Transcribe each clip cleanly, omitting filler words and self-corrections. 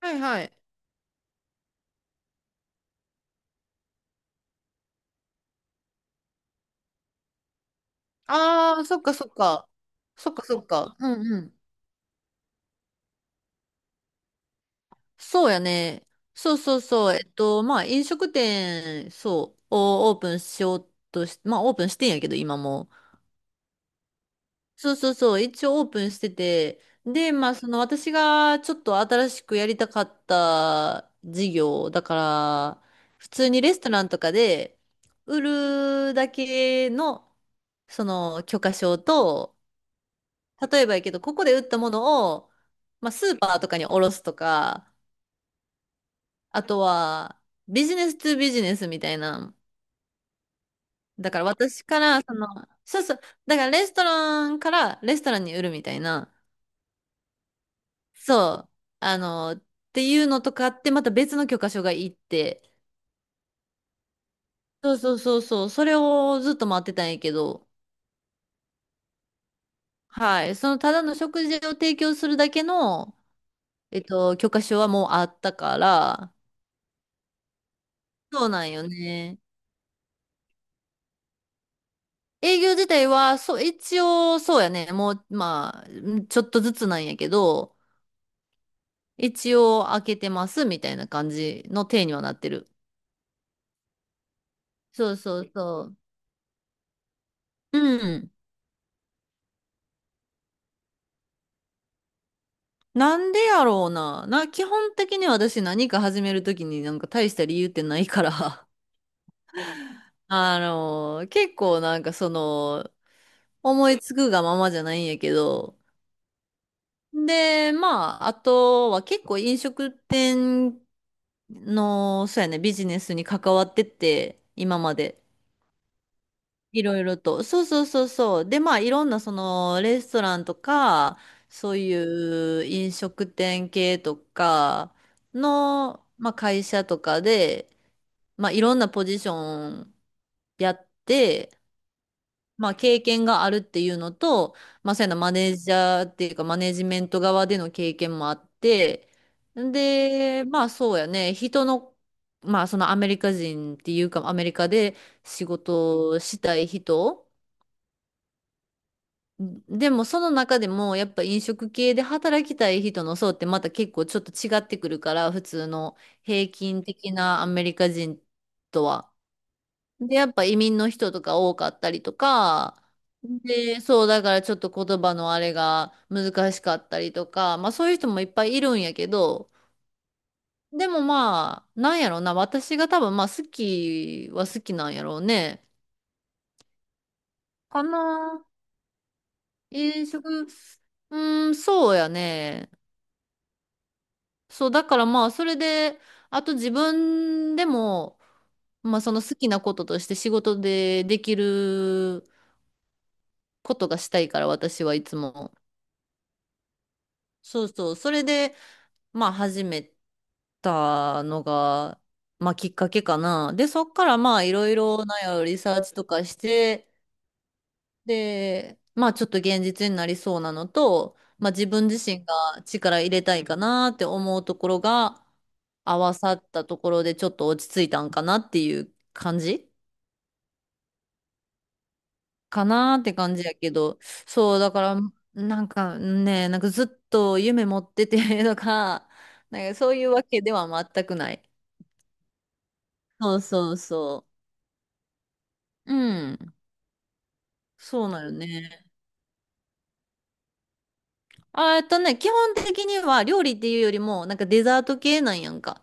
はいはい。ああ、そっかそっか。そっかそっか。うんうん。そうやね。そうそうそう。まあ、飲食店、そう、をオープンしようとし、まあ、オープンしてんやけど、今も。そうそうそう。一応オープンしてて。で、まあ、その私がちょっと新しくやりたかった事業、だから、普通にレストランとかで売るだけの、その許可証と、例えばやけど、ここで売ったものを、まあ、スーパーとかに卸すとか、あとは、ビジネストゥビジネスみたいな。だから私から、その、そうそう、だからレストランからレストランに売るみたいな。そう、あの、っていうのとかって、また別の許可書がいって、そうそうそうそう、それをずっと待ってたんやけど、はい、そのただの食事を提供するだけの、許可書はもうあったから、そうなんよね。営業自体は、そう、一応、そうやね。もう、まあ、んちょっとずつなんやけど、一応開けてますみたいな感じの体にはなってる。そうそうそう。うん。なんでやろうな。な、基本的に私何か始めるときになんか大した理由ってないから。結構なんかその、思いつくがままじゃないんやけど。で、まあ、あとは結構飲食店の、そうやね、ビジネスに関わってて、今まで。いろいろと。そうそうそうそう。で、まあ、いろんな、その、レストランとか、そういう飲食店系とかの、まあ、会社とかで、まあ、いろんなポジションやって、まあ、経験があるっていうのと、まあ、そういうのマネージャーっていうか、マネジメント側での経験もあって、で、まあ、そうやね、人の、まあ、そのアメリカ人っていうか、アメリカで仕事をしたい人、でも、その中でも、やっぱ飲食系で働きたい人の層ってまた結構ちょっと違ってくるから、普通の平均的なアメリカ人とは。で、やっぱ移民の人とか多かったりとか、で、そう、だからちょっと言葉のあれが難しかったりとか、まあそういう人もいっぱいいるんやけど、でもまあ、なんやろな、私が多分まあ好きは好きなんやろうね。かな、飲食、うん、そうやね。そう、だからまあそれで、あと自分でも、まあその好きなこととして仕事でできることがしたいから、私はいつも。そうそう。それで、まあ始めたのが、まあきっかけかな。で、そっからまあいろいろなリサーチとかして、で、まあちょっと現実になりそうなのと、まあ自分自身が力入れたいかなって思うところが合わさったところでちょっと落ち着いたんかなっていう感じかなって感じやけど、そう、だから、なんかね、なんかずっと夢持っててとか、なんかそういうわけでは全くない。そうそうそう。うん。そうなよね。あ、基本的には料理っていうよりも、なんかデザート系なんやんか。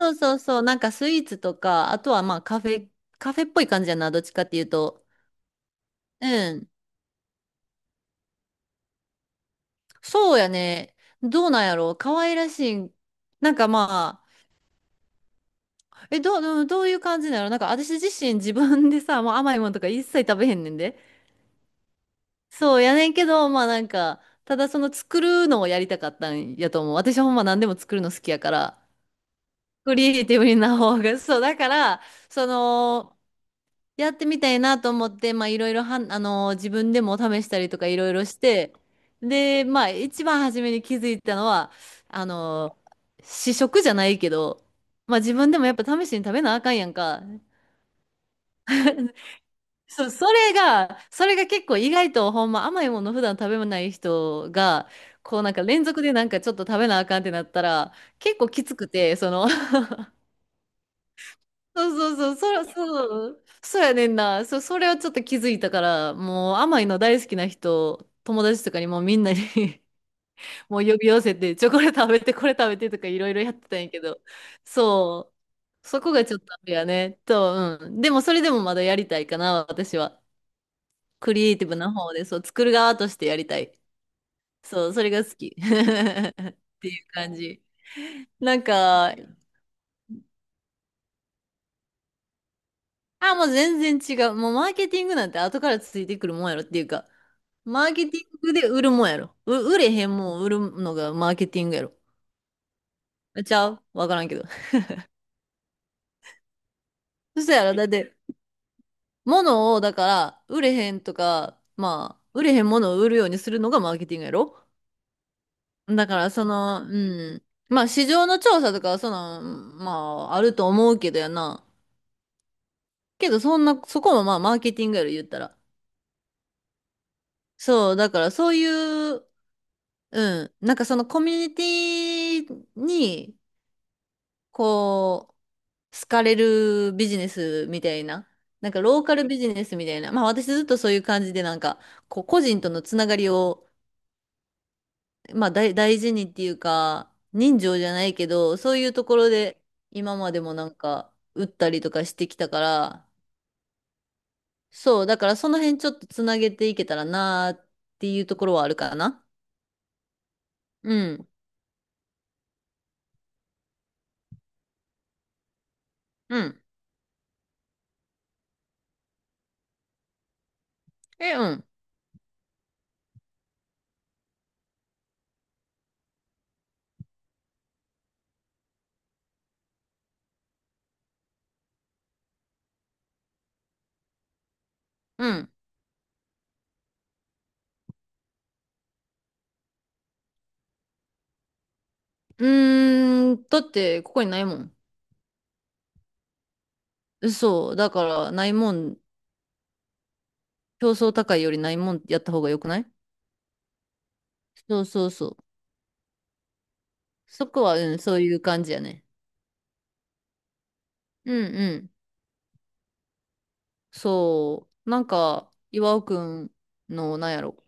そうそうそう。なんかスイーツとか、あとはまあカフェ、カフェっぽい感じやな。どっちかっていうと。うん。そうやね。どうなんやろう。可愛らしい。なんかまあ、え、どう、どうどういう感じなのなんか私自身自分でさ、もう甘いものとか一切食べへんねんで。そうやねんけど、まあなんか、ただその作るのをやりたかったんやと思う。私ほんま何でも作るの好きやから。クリエイティブにな方が、そう、だから、その、やってみたいなと思って、まあ、いろいろはん、自分でも試したりとかいろいろして、で、まあ、一番初めに気づいたのは、あの、試食じゃないけど、まあ、自分でもやっぱ試しに食べなあかんやんか。そう、それが結構意外とほんま甘いもの普段食べない人が、こうなんか連続でなんかちょっと食べなあかんってなったら、結構きつくて、そのそうそうそう、そら、そう、そうやねんな。そ、それはちょっと気づいたから、もう甘いの大好きな人、友達とかにもうみんなに もう呼び寄せて、チョコレート食べて、これ食べてとかいろいろやってたんやけど、そう、そこがちょっとあれやね。と、うん。でもそれでもまだやりたいかな、私は。クリエイティブな方で、そう、作る側としてやりたい。そう、それが好き。っていう感じ。なんか、あ、もう全然違う。もうマーケティングなんて後からついてくるもんやろっていうか、マーケティングで売るもんやろ。う、売れへんもん売るのがマーケティングやろ。あちゃうわからんけど。そやろ、だって、物を、だから、売れへんとか、まあ、売れへんものを売るようにするのがマーケティングやろ。だから、その、うん。まあ、市場の調査とかは、その、まあ、あると思うけどやな。けど、そんな、そこもまあ、マーケティングやろ、言ったら。そう、だから、そういう、うん。なんかそのコミュニティに、こう、好かれるビジネスみたいな。なんかローカルビジネスみたいな。まあ私ずっとそういう感じでなんか、こう個人とのつながりを、まあ大、大事にっていうか、人情じゃないけど、そういうところで今までもなんか、打ったりとかしてきたから、そう、だからその辺ちょっとつなげていけたらなーっていうところはあるかな。うん。うん。え、うん。うん。うーん、だってここにないもん。そう、だからないもん、競争高いよりないもんやった方がよくないそうそうそう。そこは、うん、そういう感じやね。うんうん。そう、なんか、岩尾くんの、なんやろ、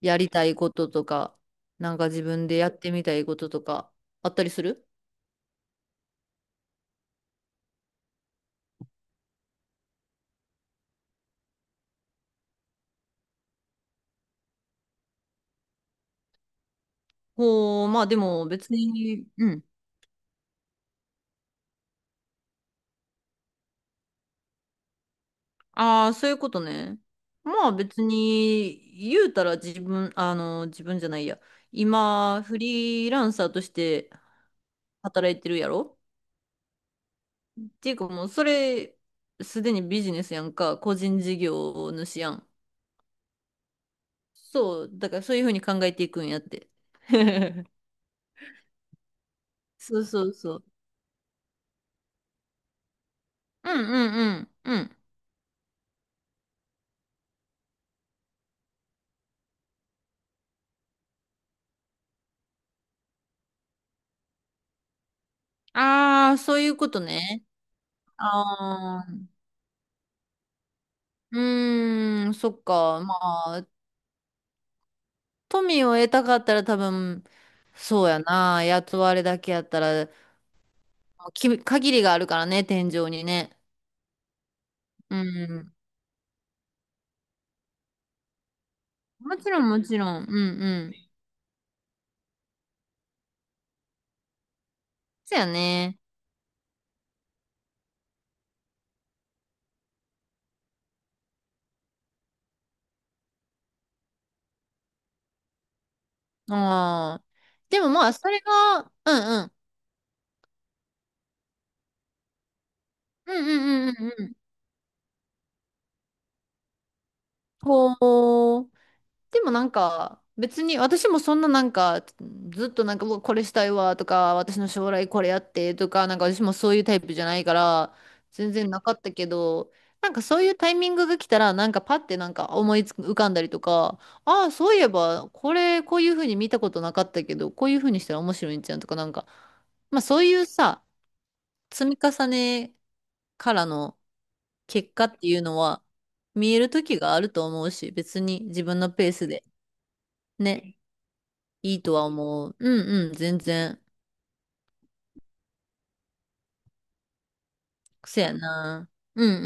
やりたいこととか、なんか自分でやってみたいこととか、あったりするほう、まあでも別に、うん。ああ、そういうことね。まあ別に、言うたら自分、あの、自分じゃないや。今、フリーランサーとして働いてるやろっていうかもう、それ、すでにビジネスやんか、個人事業主やん。そう、だからそういうふうに考えていくんやって。そうそうそう。うんうんうん。うん。ああ、そういうことね。ああ、うーん、そっか。まあ、富を得たかったら多分、そうやな。雇われだけやったら、もうき、限りがあるからね、天井にね。うん。もちろん、もちろん。うんうん。そうやね。ああ。でもまあ、それが、うんうんうんうんうん。こう。でもなんか、別に私もそんななんか、ずっとなんか、うわこれしたいわとか、私の将来これやってとか、なんか私もそういうタイプじゃないから、全然なかったけど、なんかそういうタイミングが来たら、なんかパッてなんか思いつく浮かんだりとか、ああ、そういえば、これ、こういうふうに見たことなかったけど、こういうふうにしたら面白いんじゃんとか、なんか、まあそういうさ、積み重ねからの結果っていうのは、見える時があると思うし、別に自分のペースで。ね。いいとは思う。うんうん、全然。癖やな。